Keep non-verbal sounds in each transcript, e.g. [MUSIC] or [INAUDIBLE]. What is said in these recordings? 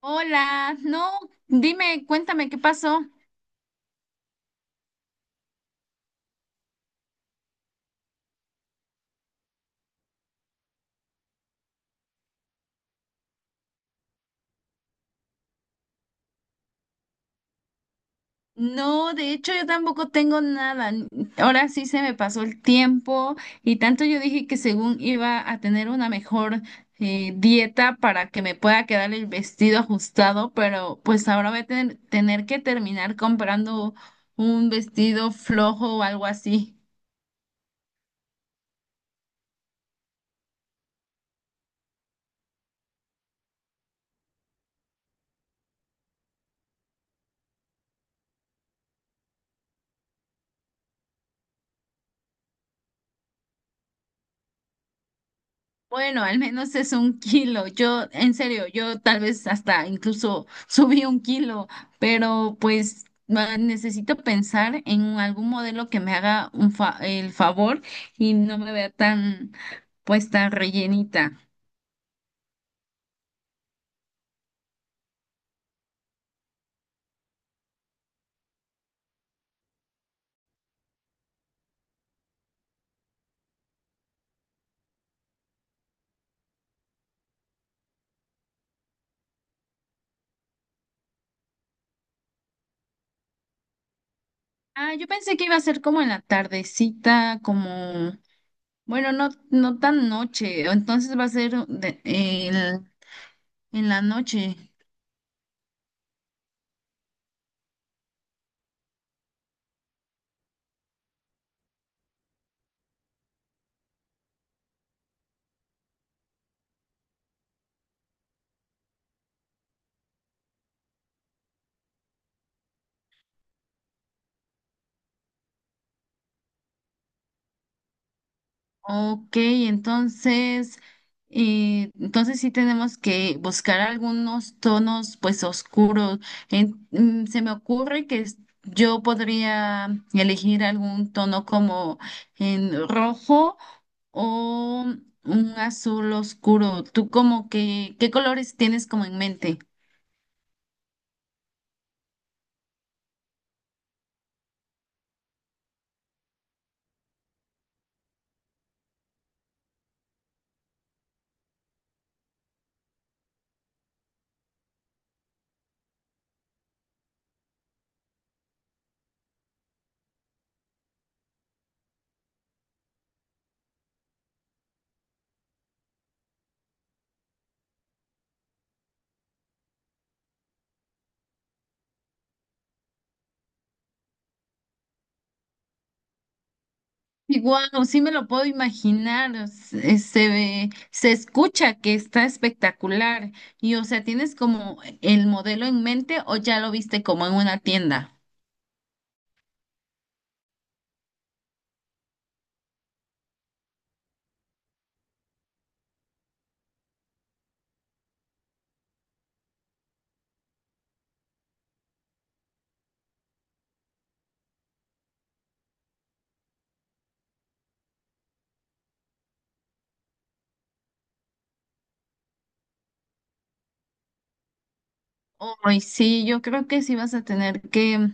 Hola, no, dime, cuéntame qué pasó. No, de hecho yo tampoco tengo nada. Ahora sí se me pasó el tiempo y tanto yo dije que según iba a tener una mejor dieta para que me pueda quedar el vestido ajustado, pero pues ahora voy a tener que terminar comprando un vestido flojo o algo así. Bueno, al menos es un kilo. Yo, en serio, yo tal vez hasta incluso [LAUGHS] subí un kilo, pero pues necesito pensar en algún modelo que me haga un el favor y no me vea tan, pues tan rellenita. Ah, yo pensé que iba a ser como en la tardecita, como, bueno, no, no tan noche, entonces va a ser en la noche. Ok, entonces, entonces sí tenemos que buscar algunos tonos pues oscuros. Se me ocurre que yo podría elegir algún tono como en rojo o un azul oscuro. ¿Tú como que qué colores tienes como en mente? Y guau, sí me lo puedo imaginar, o se escucha que está espectacular. Y o sea, ¿tienes como el modelo en mente o ya lo viste como en una tienda? Ay, sí, yo creo que sí vas a tener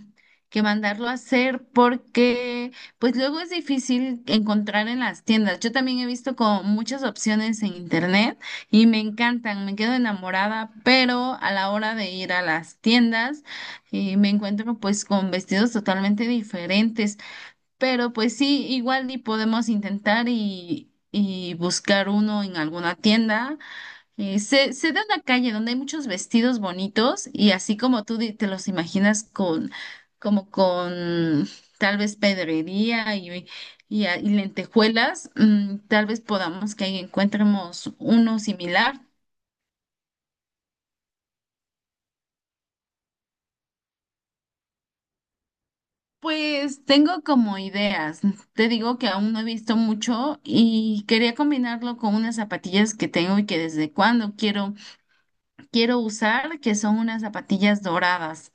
que mandarlo a hacer porque pues luego es difícil encontrar en las tiendas. Yo también he visto como muchas opciones en internet y me encantan, me quedo enamorada, pero a la hora de ir a las tiendas me encuentro pues con vestidos totalmente diferentes. Pero pues sí, igual y podemos intentar y buscar uno en alguna tienda sé, sé de una calle donde hay muchos vestidos bonitos y así como tú te los imaginas con, como con tal vez pedrería y y lentejuelas, mm, tal vez podamos que ahí encontremos uno similar. Pues tengo como ideas. Te digo que aún no he visto mucho y quería combinarlo con unas zapatillas que tengo y que desde cuando quiero usar, que son unas zapatillas doradas.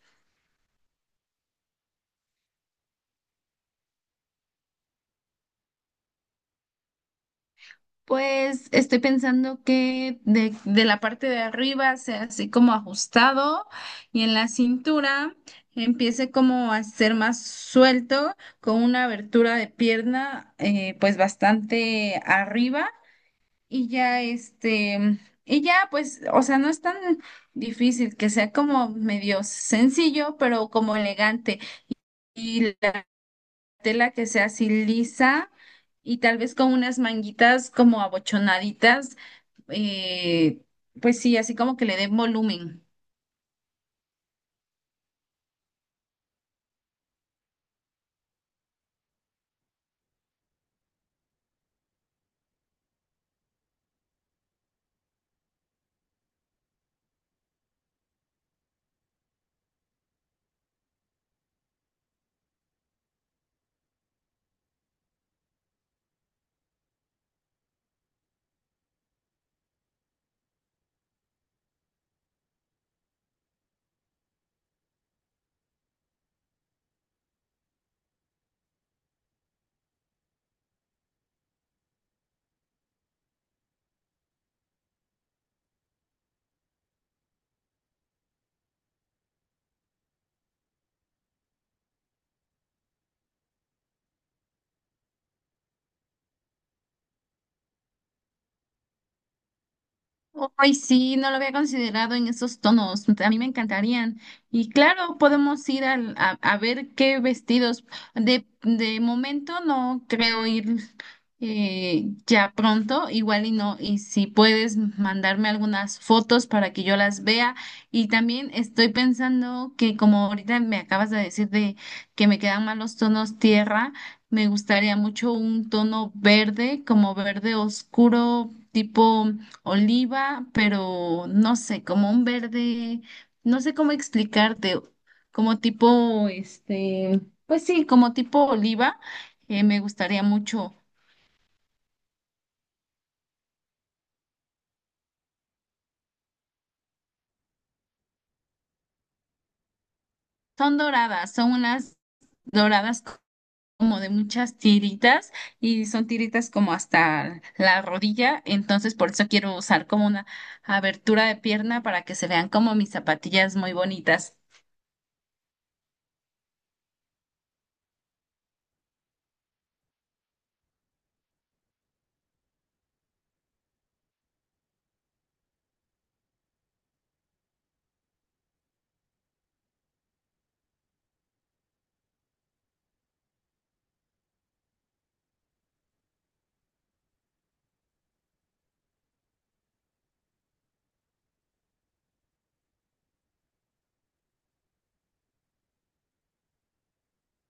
Pues estoy pensando que de la parte de arriba sea así como ajustado y en la cintura empiece como a ser más suelto con una abertura de pierna pues bastante arriba y ya este, y ya pues, o sea, no es tan difícil que sea como medio sencillo pero como elegante. Y la tela que sea así lisa y tal vez con unas manguitas como abochonaditas, eh, pues sí, así como que le den volumen. Hoy sí, no lo había considerado en esos tonos. A mí me encantarían. Y claro, podemos ir a ver qué vestidos. De momento no creo ir ya pronto, igual y no. Y si puedes mandarme algunas fotos para que yo las vea. Y también estoy pensando que como ahorita me acabas de decir de que me quedan mal los tonos tierra, me gustaría mucho un tono verde, como verde oscuro, tipo oliva, pero no sé, como un verde, no sé cómo explicarte, como tipo, este, pues sí, como tipo oliva, me gustaría mucho. Son doradas, son unas doradas como de muchas tiritas y son tiritas como hasta la rodilla, entonces por eso quiero usar como una abertura de pierna para que se vean como mis zapatillas muy bonitas.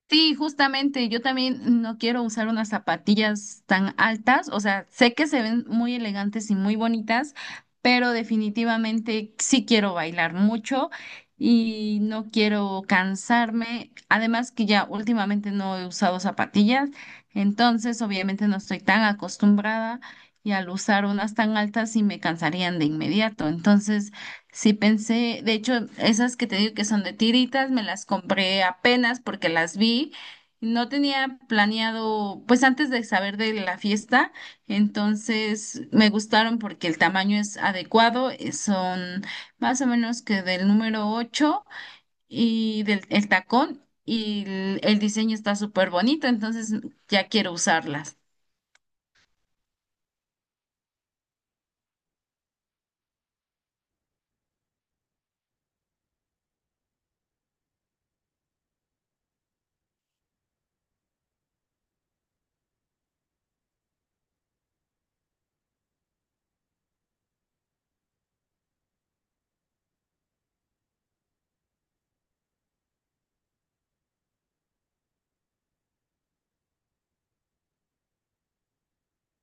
Sí, justamente, yo también no quiero usar unas zapatillas tan altas, o sea, sé que se ven muy elegantes y muy bonitas, pero definitivamente sí quiero bailar mucho y no quiero cansarme, además que ya últimamente no he usado zapatillas, entonces obviamente no estoy tan acostumbrada y al usar unas tan altas sí me cansarían de inmediato, entonces... Sí, pensé, de hecho, esas que te digo que son de tiritas, me las compré apenas porque las vi. No tenía planeado, pues antes de saber de la fiesta, entonces me gustaron porque el tamaño es adecuado, son más o menos que del número 8 y del el tacón y el diseño está súper bonito, entonces ya quiero usarlas.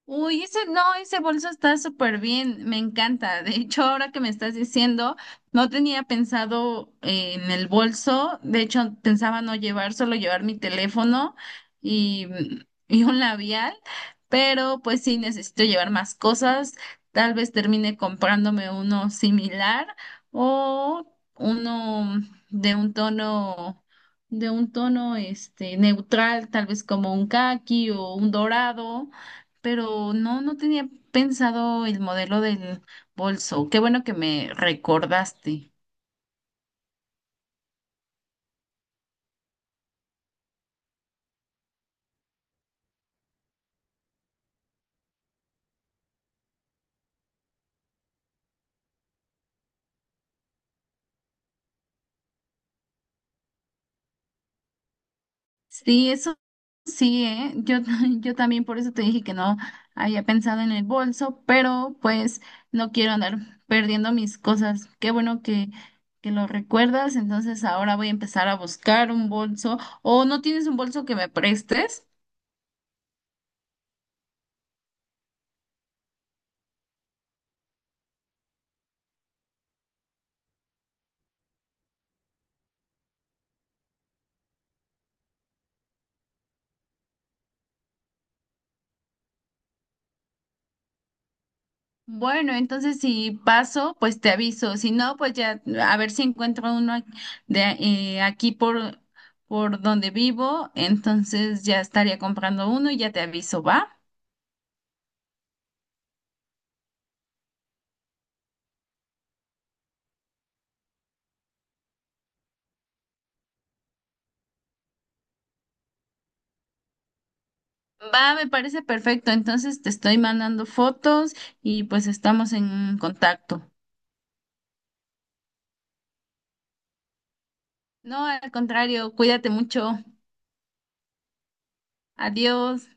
Uy, ese no, ese bolso está súper bien, me encanta. De hecho, ahora que me estás diciendo, no tenía pensado en el bolso, de hecho pensaba no llevar, solo llevar mi teléfono y, y un labial, pero pues sí necesito llevar más cosas, tal vez termine comprándome uno similar o uno de un tono, de un tono este neutral, tal vez como un caqui o un dorado pero no, no tenía pensado el modelo del bolso. Qué bueno que me recordaste. Sí, eso sí, ¿eh? Yo, [LAUGHS] yo también por eso te dije que no había pensado en el bolso, pero pues no quiero andar perdiendo mis cosas. Qué bueno que lo recuerdas. Entonces ahora voy a empezar a buscar un bolso. ¿O no tienes un bolso que me prestes? Bueno, entonces si paso, pues te aviso. Si no, pues ya a ver si encuentro uno de aquí por donde vivo. Entonces ya estaría comprando uno y ya te aviso, ¿va? Va, me parece perfecto. Entonces te estoy mandando fotos y pues estamos en contacto. No, al contrario, cuídate mucho. Adiós.